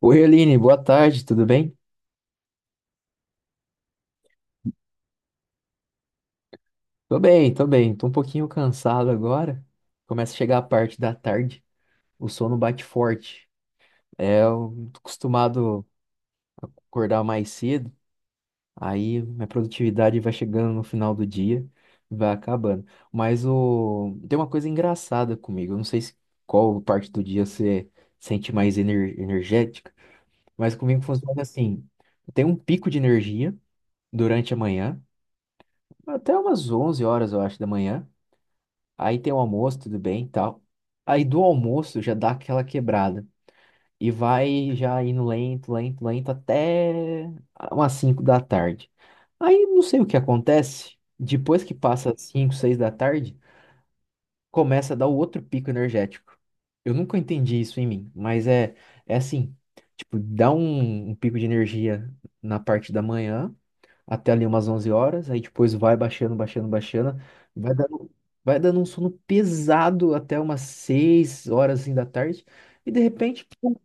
Oi, Aline, boa tarde, tudo bem? Tô bem, tô bem. Tô um pouquinho cansado agora. Começa a chegar a parte da tarde, o sono bate forte. É, eu tô acostumado a acordar mais cedo, aí minha produtividade vai chegando no final do dia, vai acabando. Mas tem uma coisa engraçada comigo, eu não sei se qual parte do dia você sente mais energética, mas comigo funciona assim: eu tenho um pico de energia durante a manhã, até umas 11 horas, eu acho, da manhã. Aí tem o almoço, tudo bem, e tal. Aí do almoço já dá aquela quebrada. E vai já indo lento, lento, lento até umas 5 da tarde. Aí não sei o que acontece. Depois que passa as 5, 6 da tarde, começa a dar o outro pico energético. Eu nunca entendi isso em mim, mas é, assim, tipo, dá um pico de energia na parte da manhã até ali umas 11 horas, aí depois vai baixando, baixando, baixando, vai dando, vai dando um sono pesado até umas 6 horas assim, da tarde, e de repente pum,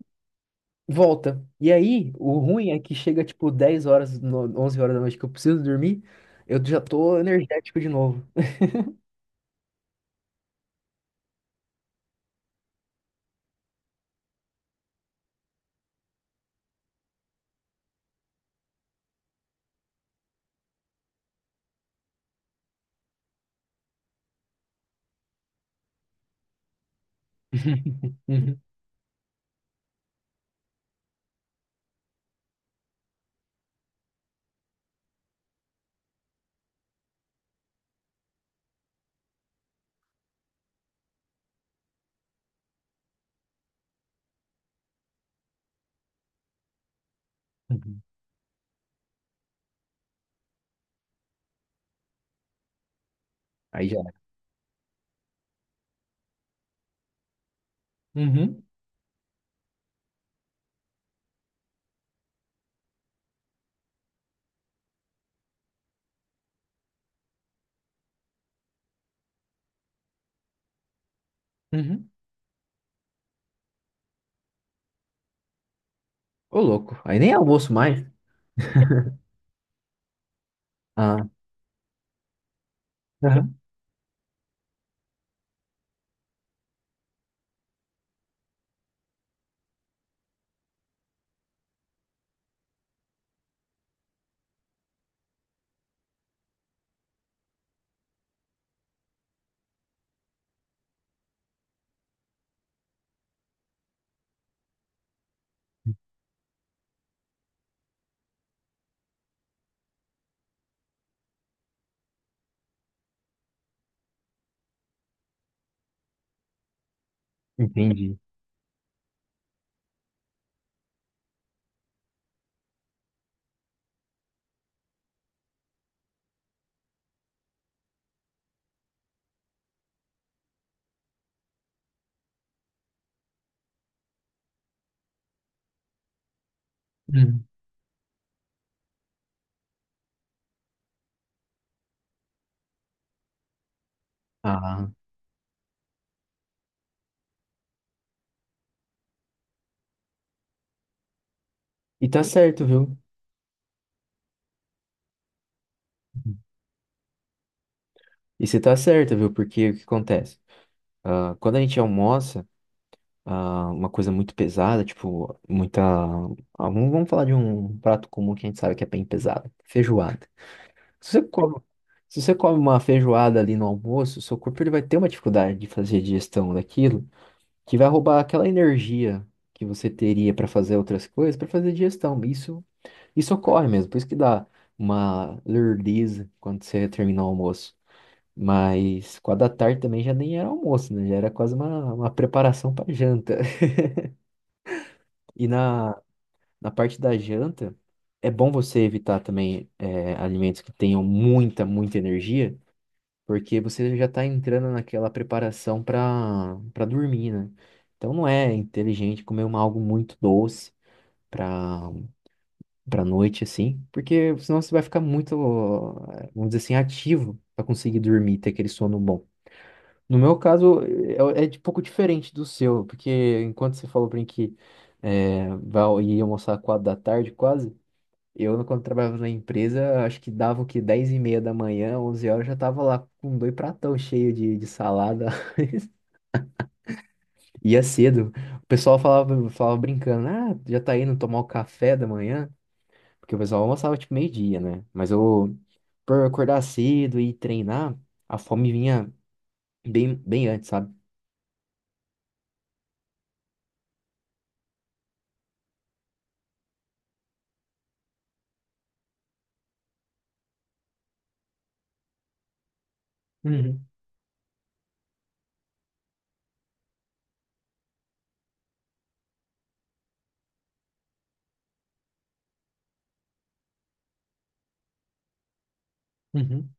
volta. E aí, o ruim é que chega tipo 10 horas, 11 horas da noite que eu preciso dormir, eu já tô energético de novo. Uhum, uhum, aí já, uhum, uhum, ô louco, aí nem almoço mais. Ah, aham, entendi. Uhum. Ah, e tá certo, viu? E você tá certa, viu? Porque o que acontece? Ah, quando a gente almoça, ah, uma coisa muito pesada, tipo, muita. Ah, vamos falar de um prato comum que a gente sabe que é bem pesado, feijoada. Se você come, se você come uma feijoada ali no almoço, o seu corpo ele vai ter uma dificuldade de fazer digestão daquilo, que vai roubar aquela energia que você teria para fazer outras coisas, para fazer digestão. Isso, isso ocorre mesmo, por isso que dá uma lerdeza quando você termina o almoço. Mas 4 da tarde também já nem era almoço, né? Já era quase uma preparação para janta. E na, na parte da janta, é bom você evitar também alimentos que tenham muita, muita energia, porque você já está entrando naquela preparação para dormir, né? Então não é inteligente comer algo muito doce para noite, assim, porque senão você vai ficar muito, vamos dizer assim, ativo para conseguir dormir, ter aquele sono bom. No meu caso, é, de pouco diferente do seu, porque enquanto você falou pra mim que ia almoçar às 4 da tarde, quase, eu, quando trabalhava na empresa, acho que dava o quê? 10 e meia da manhã, 11 horas, eu já tava lá com dois pratão cheio de salada. Ia cedo. O pessoal falava, falava brincando, ah, já tá indo tomar o café da manhã? Porque o pessoal almoçava tipo meio-dia, né? Mas eu, por acordar cedo e treinar, a fome vinha bem, bem antes, sabe? Uhum, uhum.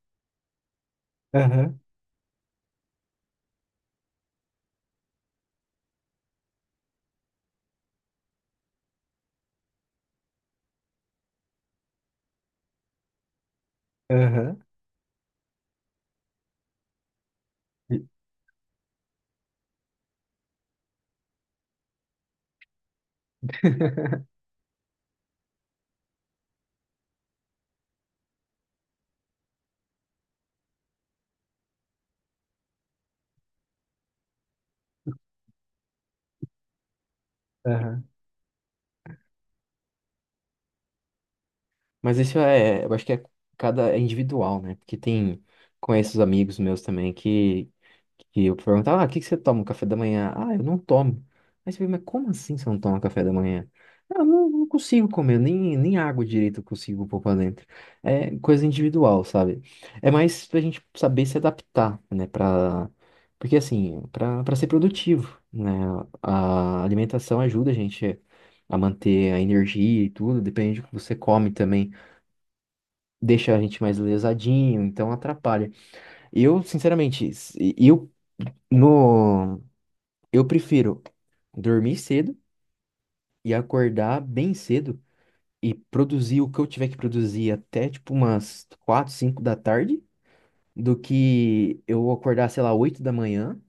Aham, e- aham. Mas isso é, eu acho que é cada é individual, né? Porque tem, conheço os amigos meus também que eu perguntava, ah, o que que você toma, café da manhã? Ah, eu não tomo. Aí você pergunta, mas como assim você não toma café da manhã? Ah, eu não consigo comer, nem água direito eu consigo pôr pra dentro. É coisa individual, sabe? É mais pra gente saber se adaptar, né? Porque assim, pra ser produtivo, né? A alimentação ajuda a gente a manter a energia e tudo, depende do que você come também deixa a gente mais lesadinho, então atrapalha. Eu, sinceramente, se- eu no eu prefiro dormir cedo e acordar bem cedo e produzir o que eu tiver que produzir até tipo umas 4, 5 da tarde do que eu acordar, sei lá, 8 da manhã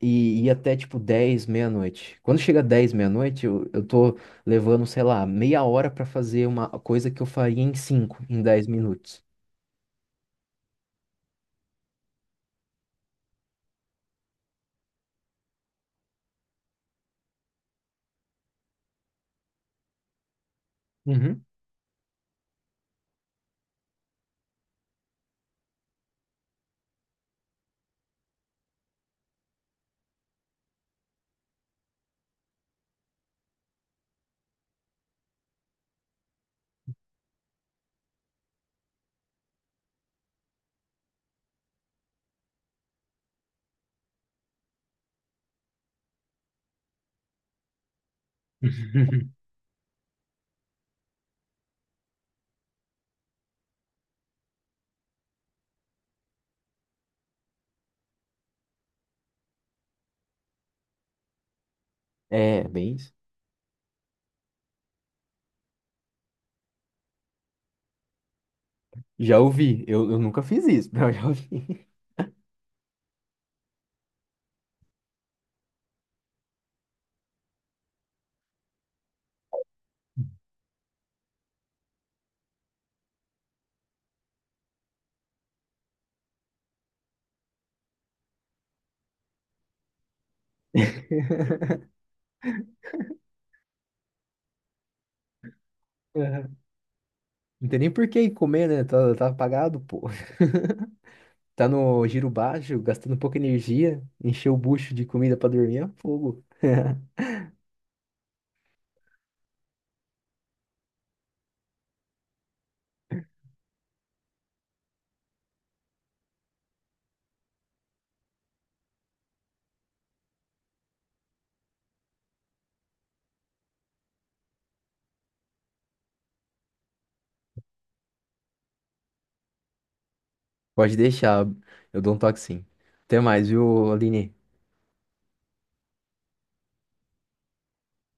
e ir até tipo 10 meia-noite. Quando chega 10 meia-noite, eu tô levando, sei lá, meia hora pra fazer uma coisa que eu faria em 5, em 10 minutos. Uhum. É, bem isso. Já ouvi. Eu nunca fiz isso, mas eu já ouvi. Aham. Não tem nem por que ir comer, né? Tá, tá apagado, pô. Tá no giro baixo, gastando pouca energia. Encher o bucho de comida pra dormir é fogo. Pode deixar. Eu dou um toque sim. Até mais, viu, Aline?